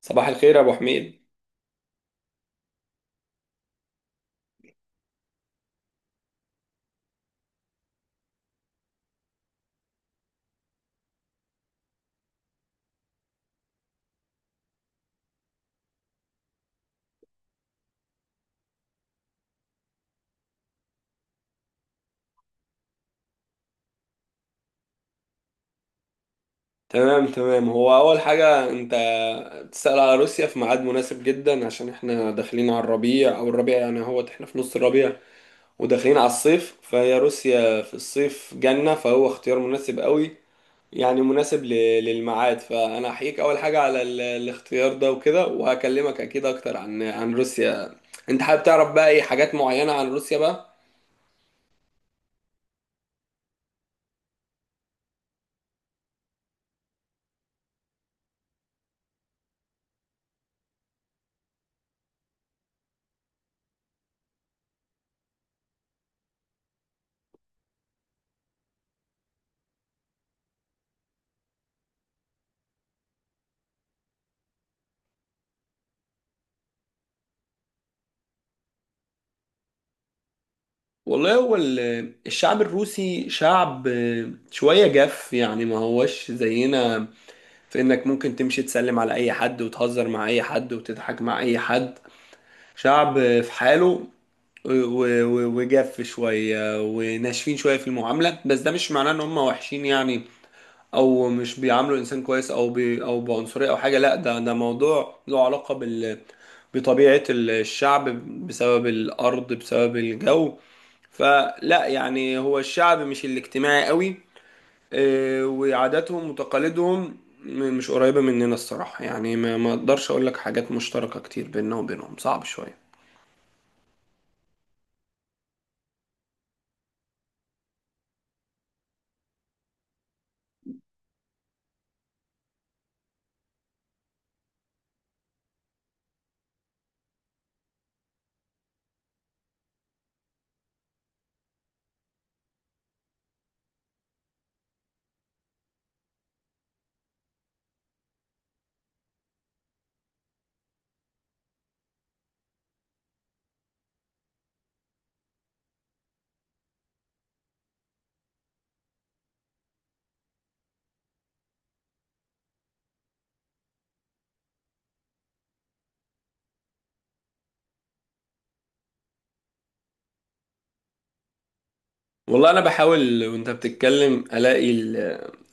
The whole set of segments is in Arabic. صباح الخير يا ابو حميد. تمام تمام. هو اول حاجه انت تسأل على روسيا في ميعاد مناسب جدا، عشان احنا داخلين على الربيع او الربيع، يعني هو احنا في نص الربيع وداخلين على الصيف، فهي روسيا في الصيف جنة، فهو اختيار مناسب قوي يعني، مناسب للميعاد. فانا احييك اول حاجه على الاختيار ده وكده، وهكلمك اكيد اكتر عن روسيا. انت حابب تعرف بقى ايه حاجات معينه عن روسيا بقى؟ والله هو الشعب الروسي شعب شوية جاف، يعني ما هوش زينا في انك ممكن تمشي تسلم على اي حد وتهزر مع اي حد وتضحك مع اي حد. شعب في حاله، و- و- وجاف شوية وناشفين شوية في المعاملة، بس ده مش معناه ان هم وحشين يعني، او مش بيعاملوا الانسان كويس او بي او بعنصرية او حاجة، لا، ده موضوع له علاقة بطبيعة الشعب، بسبب الأرض بسبب الجو. فلا، يعني هو الشعب مش الاجتماعي قوي. وعاداتهم وتقاليدهم مش قريبة مننا الصراحة، يعني ما اقدرش اقول لك حاجات مشتركة كتير بيننا وبينهم، صعب شوية. والله انا بحاول وانت بتتكلم الاقي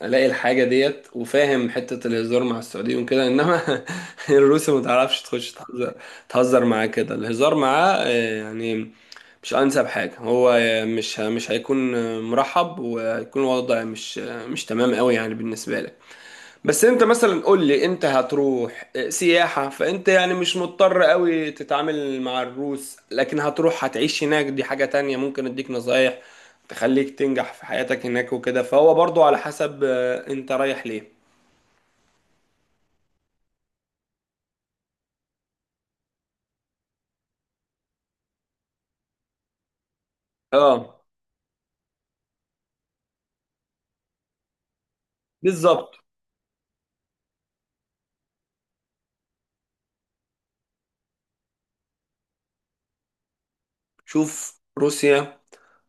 الاقي الحاجة ديت، وفاهم حتة الهزار مع السعوديين وكده، انما الروس ما تعرفش تخش تهزر، تهزر معاه كده الهزار معاه يعني مش انسب حاجه. هو مش هيكون مرحب، وهيكون الوضع مش تمام قوي يعني بالنسبه لك. بس انت مثلا قول لي، انت هتروح سياحه، فانت يعني مش مضطر قوي تتعامل مع الروس، لكن هتروح هتعيش هناك، دي حاجه تانية ممكن اديك نصايح تخليك تنجح في حياتك هناك وكده. فهو برضو على حسب انت رايح ليه. اه، بالظبط. شوف، روسيا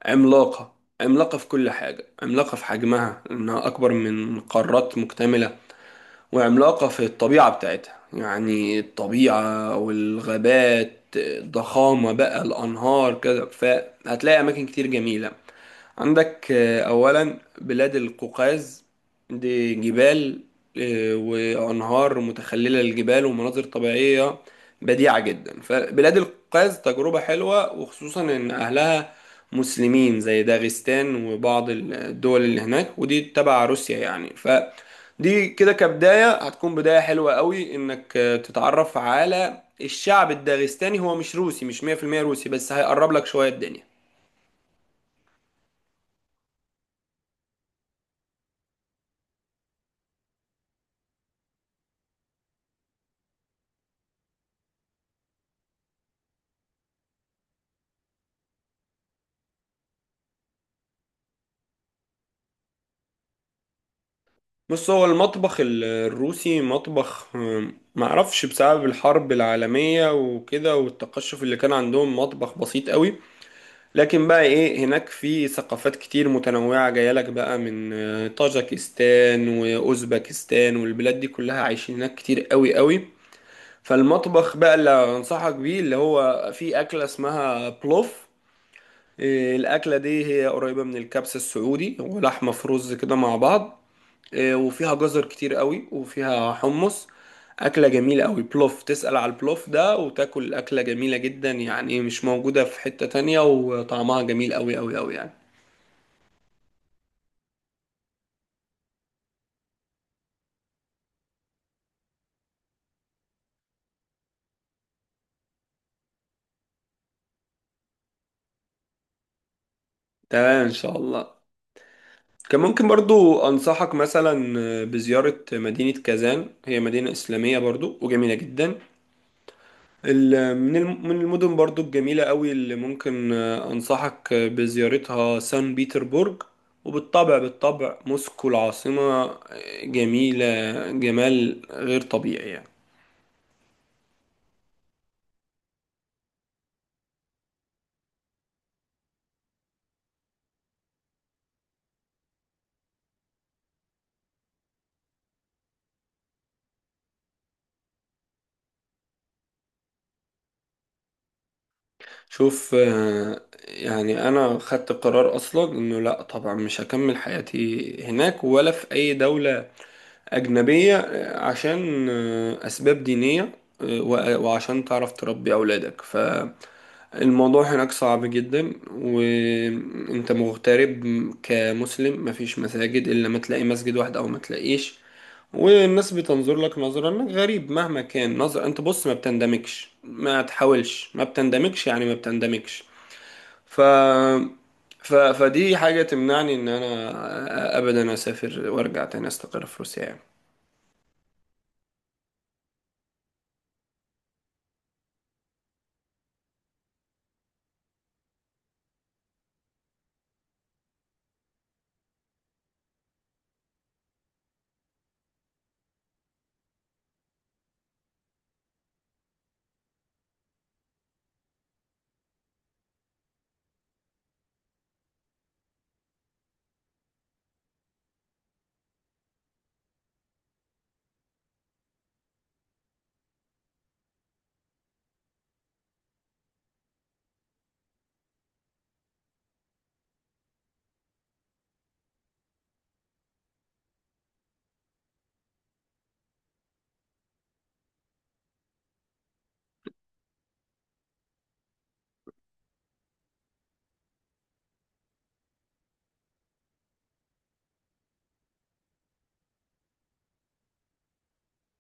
عملاقة، عملاقة في كل حاجة، عملاقة في حجمها، إنها أكبر من قارات مكتملة، وعملاقة في الطبيعة بتاعتها، يعني الطبيعة والغابات الضخامة بقى، الأنهار كده، فهتلاقي أماكن كتير جميلة. عندك أولا بلاد القوقاز، دي جبال وأنهار متخللة للجبال ومناظر طبيعية بديعة جدا. فبلاد القوقاز تجربة حلوة، وخصوصا إن أهلها مسلمين، زي داغستان وبعض الدول اللي هناك، ودي تبع روسيا يعني. فدي كده كبداية هتكون بداية حلوة قوي، إنك تتعرف على الشعب الداغستاني، هو مش روسي، مش 100% روسي، بس هيقرب لك شوية الدنيا. بص، هو المطبخ الروسي مطبخ، معرفش، بسبب الحرب العالمية وكده والتقشف اللي كان عندهم، مطبخ بسيط قوي. لكن بقى ايه، هناك في ثقافات كتير متنوعة جايلك بقى من طاجكستان وأوزبكستان والبلاد دي كلها، عايشين هناك كتير قوي قوي. فالمطبخ بقى اللي انصحك بيه اللي هو في أكلة اسمها بلوف. الأكلة دي هي قريبة من الكبسة السعودي، ولحمة في رز كده مع بعض، وفيها جزر كتير قوي وفيها حمص. أكلة جميلة قوي، بلوف، تسأل على البلوف ده وتاكل أكلة جميلة جدا يعني، مش موجودة في حتة تانية، وطعمها جميل قوي قوي قوي يعني. تمام إن شاء الله. كان ممكن برضو أنصحك مثلا بزيارة مدينة كازان، هي مدينة إسلامية برضو وجميلة جدا. من من المدن برضو الجميلة قوي اللي ممكن أنصحك بزيارتها، سان بيتربورج، وبالطبع موسكو العاصمة، جميلة جمال غير طبيعي يعني. شوف يعني أنا خدت قرار أصلا إنه لأ، طبعا مش هكمل حياتي هناك ولا في أي دولة أجنبية، عشان أسباب دينية، وعشان تعرف تربي أولادك. ف الموضوع هناك صعب جدا وانت مغترب كمسلم، مفيش مساجد، الا ما تلاقي مسجد واحد او ما تلاقيش، والناس بتنظر لك نظرة انك غريب مهما كان نظر. انت بص، ما بتندمجش، ما تحاولش، ما بتندمجش يعني، ما بتندمجش. ف... ف... فدي حاجة تمنعني ان انا ابدا اسافر وارجع تاني استقر في روسيا يعني.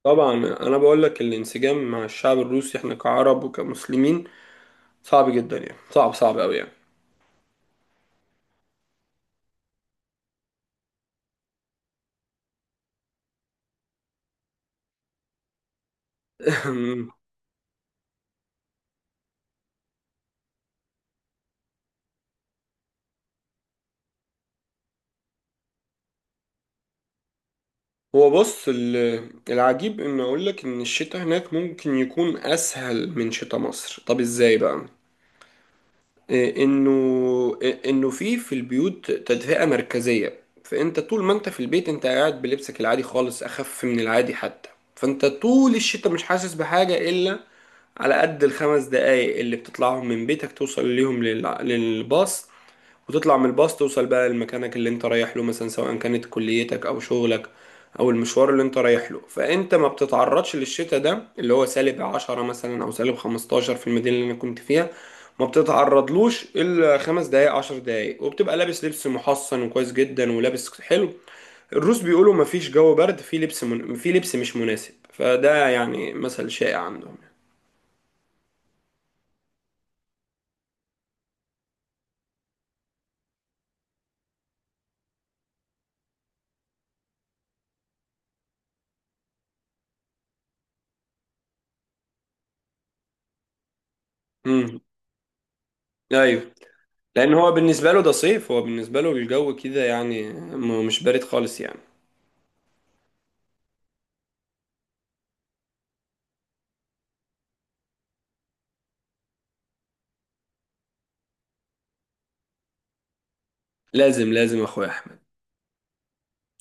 طبعا. انا بقول لك الانسجام مع الشعب الروسي، احنا كعرب وكمسلمين، صعب جدا يعني، صعب قوي يعني. هو بص العجيب ان اقول لك ان الشتاء هناك ممكن يكون اسهل من شتاء مصر. طب ازاي بقى؟ إيه انه إيه انه في البيوت تدفئة مركزية، فانت طول ما انت في البيت انت قاعد بلبسك العادي خالص، اخف من العادي حتى. فانت طول الشتاء مش حاسس بحاجة الا على قد الـ 5 دقايق اللي بتطلعهم من بيتك توصل ليهم للباص، وتطلع من الباص توصل بقى لمكانك اللي انت رايح له مثلا، سواء كانت كليتك او شغلك او المشوار اللي انت رايح له. فانت ما بتتعرضش للشتاء ده اللي هو سالب 10 مثلا او سالب 15 في المدينة اللي انا كنت فيها، ما بتتعرضلوش الا 5 دقايق 10 دقايق، وبتبقى لابس لبس محصن وكويس جدا ولابس حلو. الروس بيقولوا ما فيش جو برد، في لبس في لبس مش مناسب، فده يعني مثل شائع عندهم. امم، ايوه، لان هو بالنسبه له ده صيف، هو بالنسبه له الجو كده يعني، مش بارد خالص يعني. لازم لازم اخويا احمد.